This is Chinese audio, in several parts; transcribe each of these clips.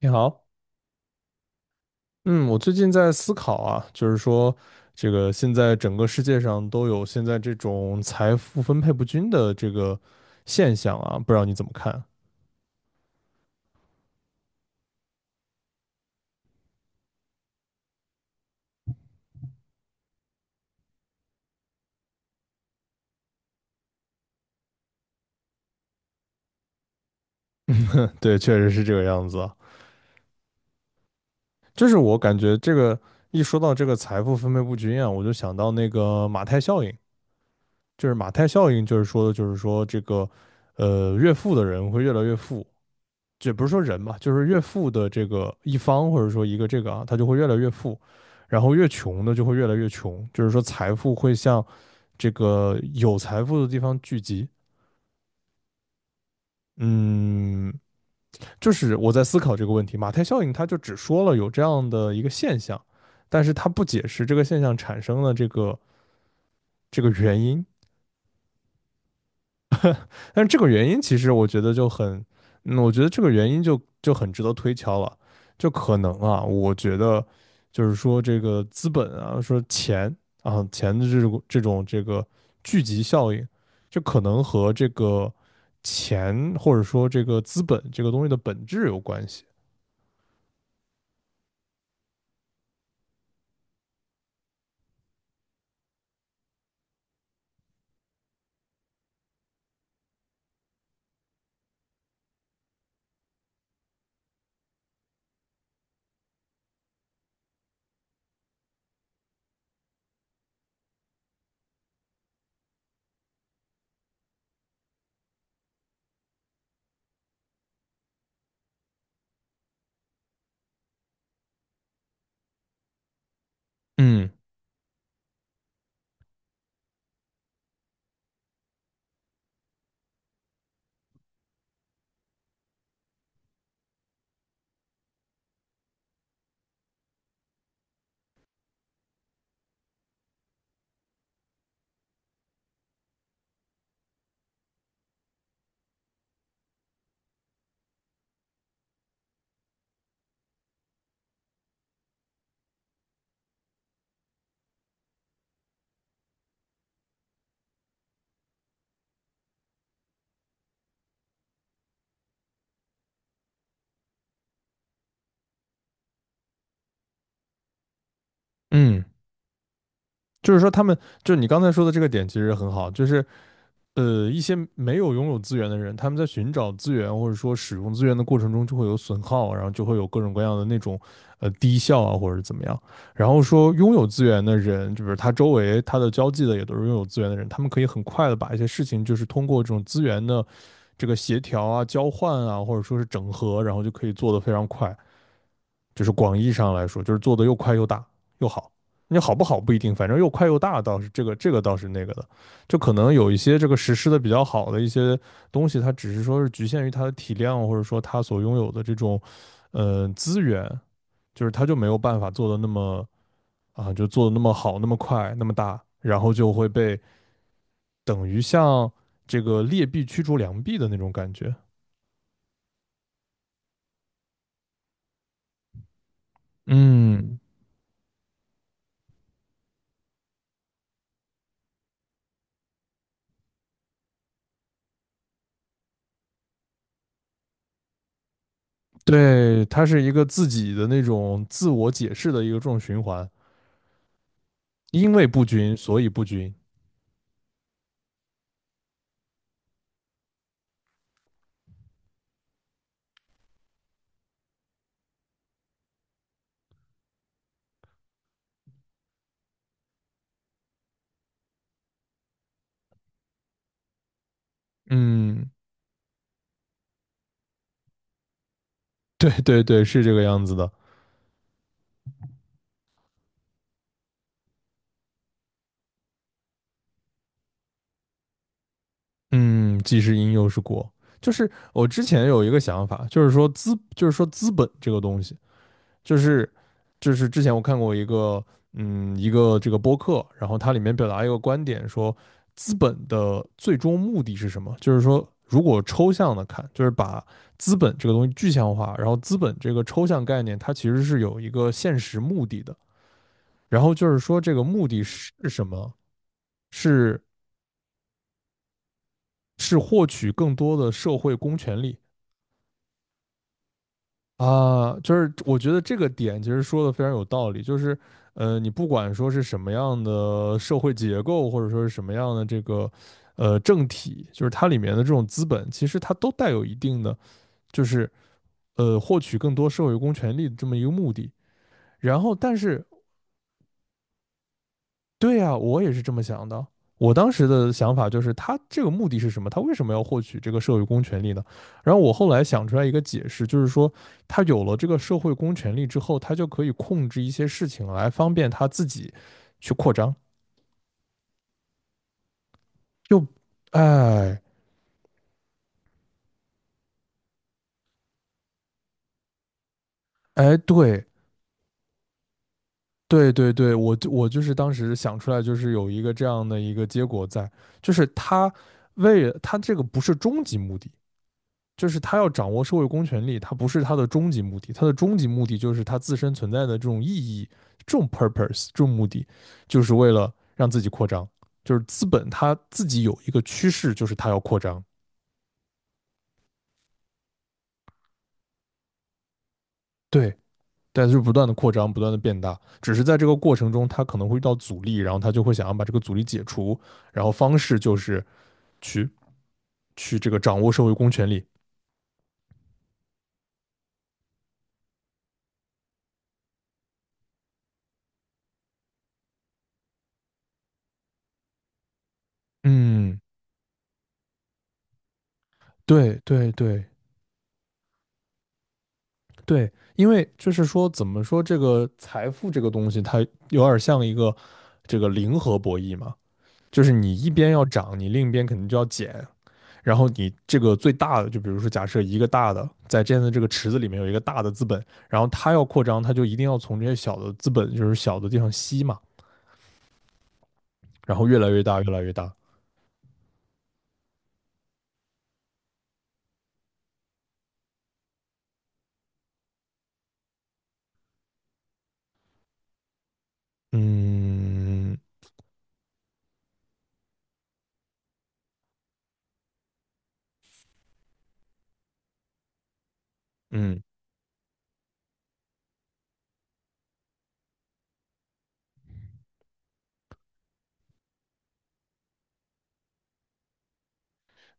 你好，嗯，我最近在思考啊，就是说，这个现在整个世界上都有现在这种财富分配不均的这个现象啊，不知道你怎么看？对，确实是这个样子啊。就是我感觉这个一说到这个财富分配不均啊，我就想到那个马太效应。就是马太效应，就是说的就是说这个越富的人会越来越富，这不是说人嘛，就是越富的这个一方或者说一个这个啊，他就会越来越富，然后越穷的就会越来越穷，就是说财富会向这个有财富的地方聚集。嗯，就是我在思考这个问题。马太效应，它就只说了有这样的一个现象，但是它不解释这个现象产生的这个原因。但是这个原因其实我觉得就很，我觉得这个原因就很值得推敲了。就可能啊，我觉得就是说这个资本啊，说钱啊，钱的这种这个聚集效应，就可能和这个钱或者说这个资本这个东西的本质有关系。嗯嗯，就是说他们，就你刚才说的这个点其实很好，就是一些没有拥有资源的人，他们在寻找资源或者说使用资源的过程中，就会有损耗，然后就会有各种各样的那种低效啊，或者怎么样。然后说拥有资源的人，就是他周围他的交际的也都是拥有资源的人，他们可以很快的把一些事情，就是通过这种资源的这个协调啊、交换啊，或者说是整合，然后就可以做得非常快。就是广义上来说，就是做的又快又大又好。你好不好不一定，反正又快又大倒是这个倒是那个的，就可能有一些这个实施的比较好的一些东西，它只是说是局限于它的体量，或者说它所拥有的这种资源，就是它就没有办法做的那么啊，就做的那么好、那么快、那么大，然后就会被等于像这个劣币驱逐良币的那种感觉。嗯，对，它是一个自己的那种自我解释的一个这种循环。因为不均，所以不均。嗯，对对对，是这个样子的。嗯，既是因又是果，就是我之前有一个想法，就是说资本这个东西，就是就是之前我看过一个一个这个播客，然后它里面表达一个观点说，资本的最终目的是什么？就是说，如果抽象的看，就是把资本这个东西具象化，然后资本这个抽象概念，它其实是有一个现实目的的。然后就是说，这个目的是什么？是是获取更多的社会公权力啊，就是我觉得这个点其实说的非常有道理，就是你不管说是什么样的社会结构，或者说是什么样的这个政体，就是它里面的这种资本，其实它都带有一定的就是获取更多社会公权力的这么一个目的。然后，但是对呀，我也是这么想的。我当时的想法就是，他这个目的是什么？他为什么要获取这个社会公权力呢？然后我后来想出来一个解释，就是说，他有了这个社会公权力之后，他就可以控制一些事情来方便他自己去扩张。就，哎哎，对对对对，我就是当时想出来，就是有一个这样的一个结果在，就是他为了他这个不是终极目的，就是他要掌握社会公权力，他不是他的终极目的，他的终极目的就是他自身存在的这种意义、这种 purpose、这种目的，就是为了让自己扩张。就是资本它自己有一个趋势，就是它要扩张，对，但是不断的扩张，不断的变大，只是在这个过程中，他可能会遇到阻力，然后他就会想要把这个阻力解除，然后方式就是去去这个掌握社会公权力。嗯，对对对，对，因为就是说，怎么说这个财富这个东西，它有点像一个这个零和博弈嘛，就是你一边要涨，你另一边肯定就要减，然后你这个最大的，就比如说假设一个大的在这样的这个池子里面有一个大的资本，然后它要扩张，它就一定要从这些小的资本，就是小的地方吸嘛，然后越来越大，越来越大。嗯嗯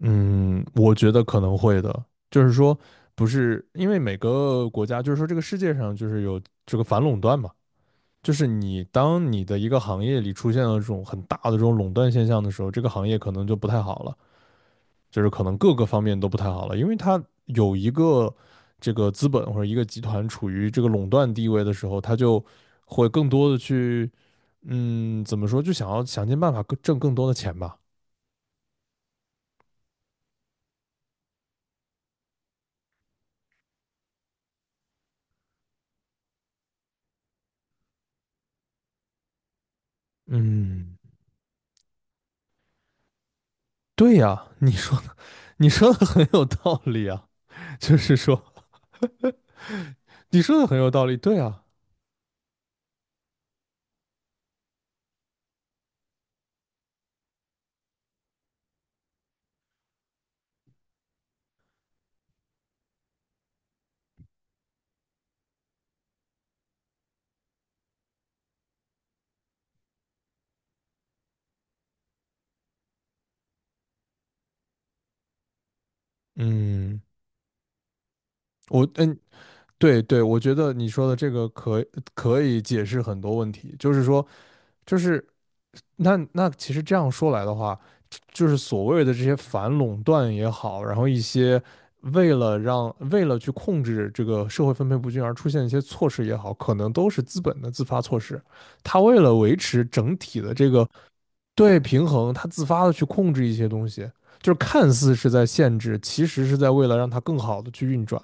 嗯，我觉得可能会的，就是说，不是因为每个国家，就是说这个世界上就是有这个反垄断嘛，就是你当你的一个行业里出现了这种很大的这种垄断现象的时候，这个行业可能就不太好了，就是可能各个方面都不太好了，因为它有一个这个资本或者一个集团处于这个垄断地位的时候，它就会更多的去，怎么说，就想要想尽办法更挣更多的钱吧，嗯。对呀，你说的很有道理啊，就是说你说的很有道理，对啊，嗯，我嗯，对对，我觉得你说的这个可以解释很多问题，就是说，就是那其实这样说来的话，就是所谓的这些反垄断也好，然后一些为了去控制这个社会分配不均而出现一些措施也好，可能都是资本的自发措施。他为了维持整体的这个，对，平衡，他自发的去控制一些东西，就是看似是在限制，其实是在为了让它更好的去运转。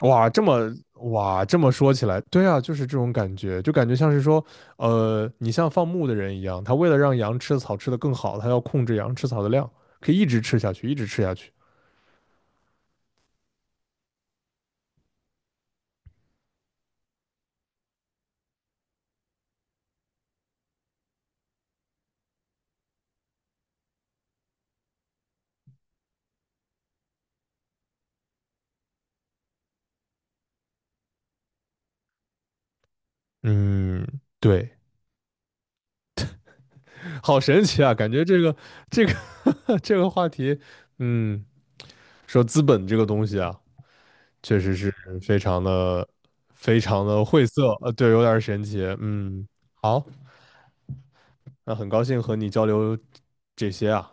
哇，这么哇，这么说起来，对啊，就是这种感觉，就感觉像是说，你像放牧的人一样，他为了让羊吃的草吃得更好，他要控制羊吃草的量，可以一直吃下去，一直吃下去。嗯，对，好神奇啊，感觉这个这个话题，嗯，说资本这个东西啊，确实是非常的非常的晦涩，对，有点神奇。嗯，好，那很高兴和你交流这些啊，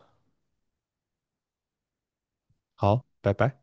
好，拜拜。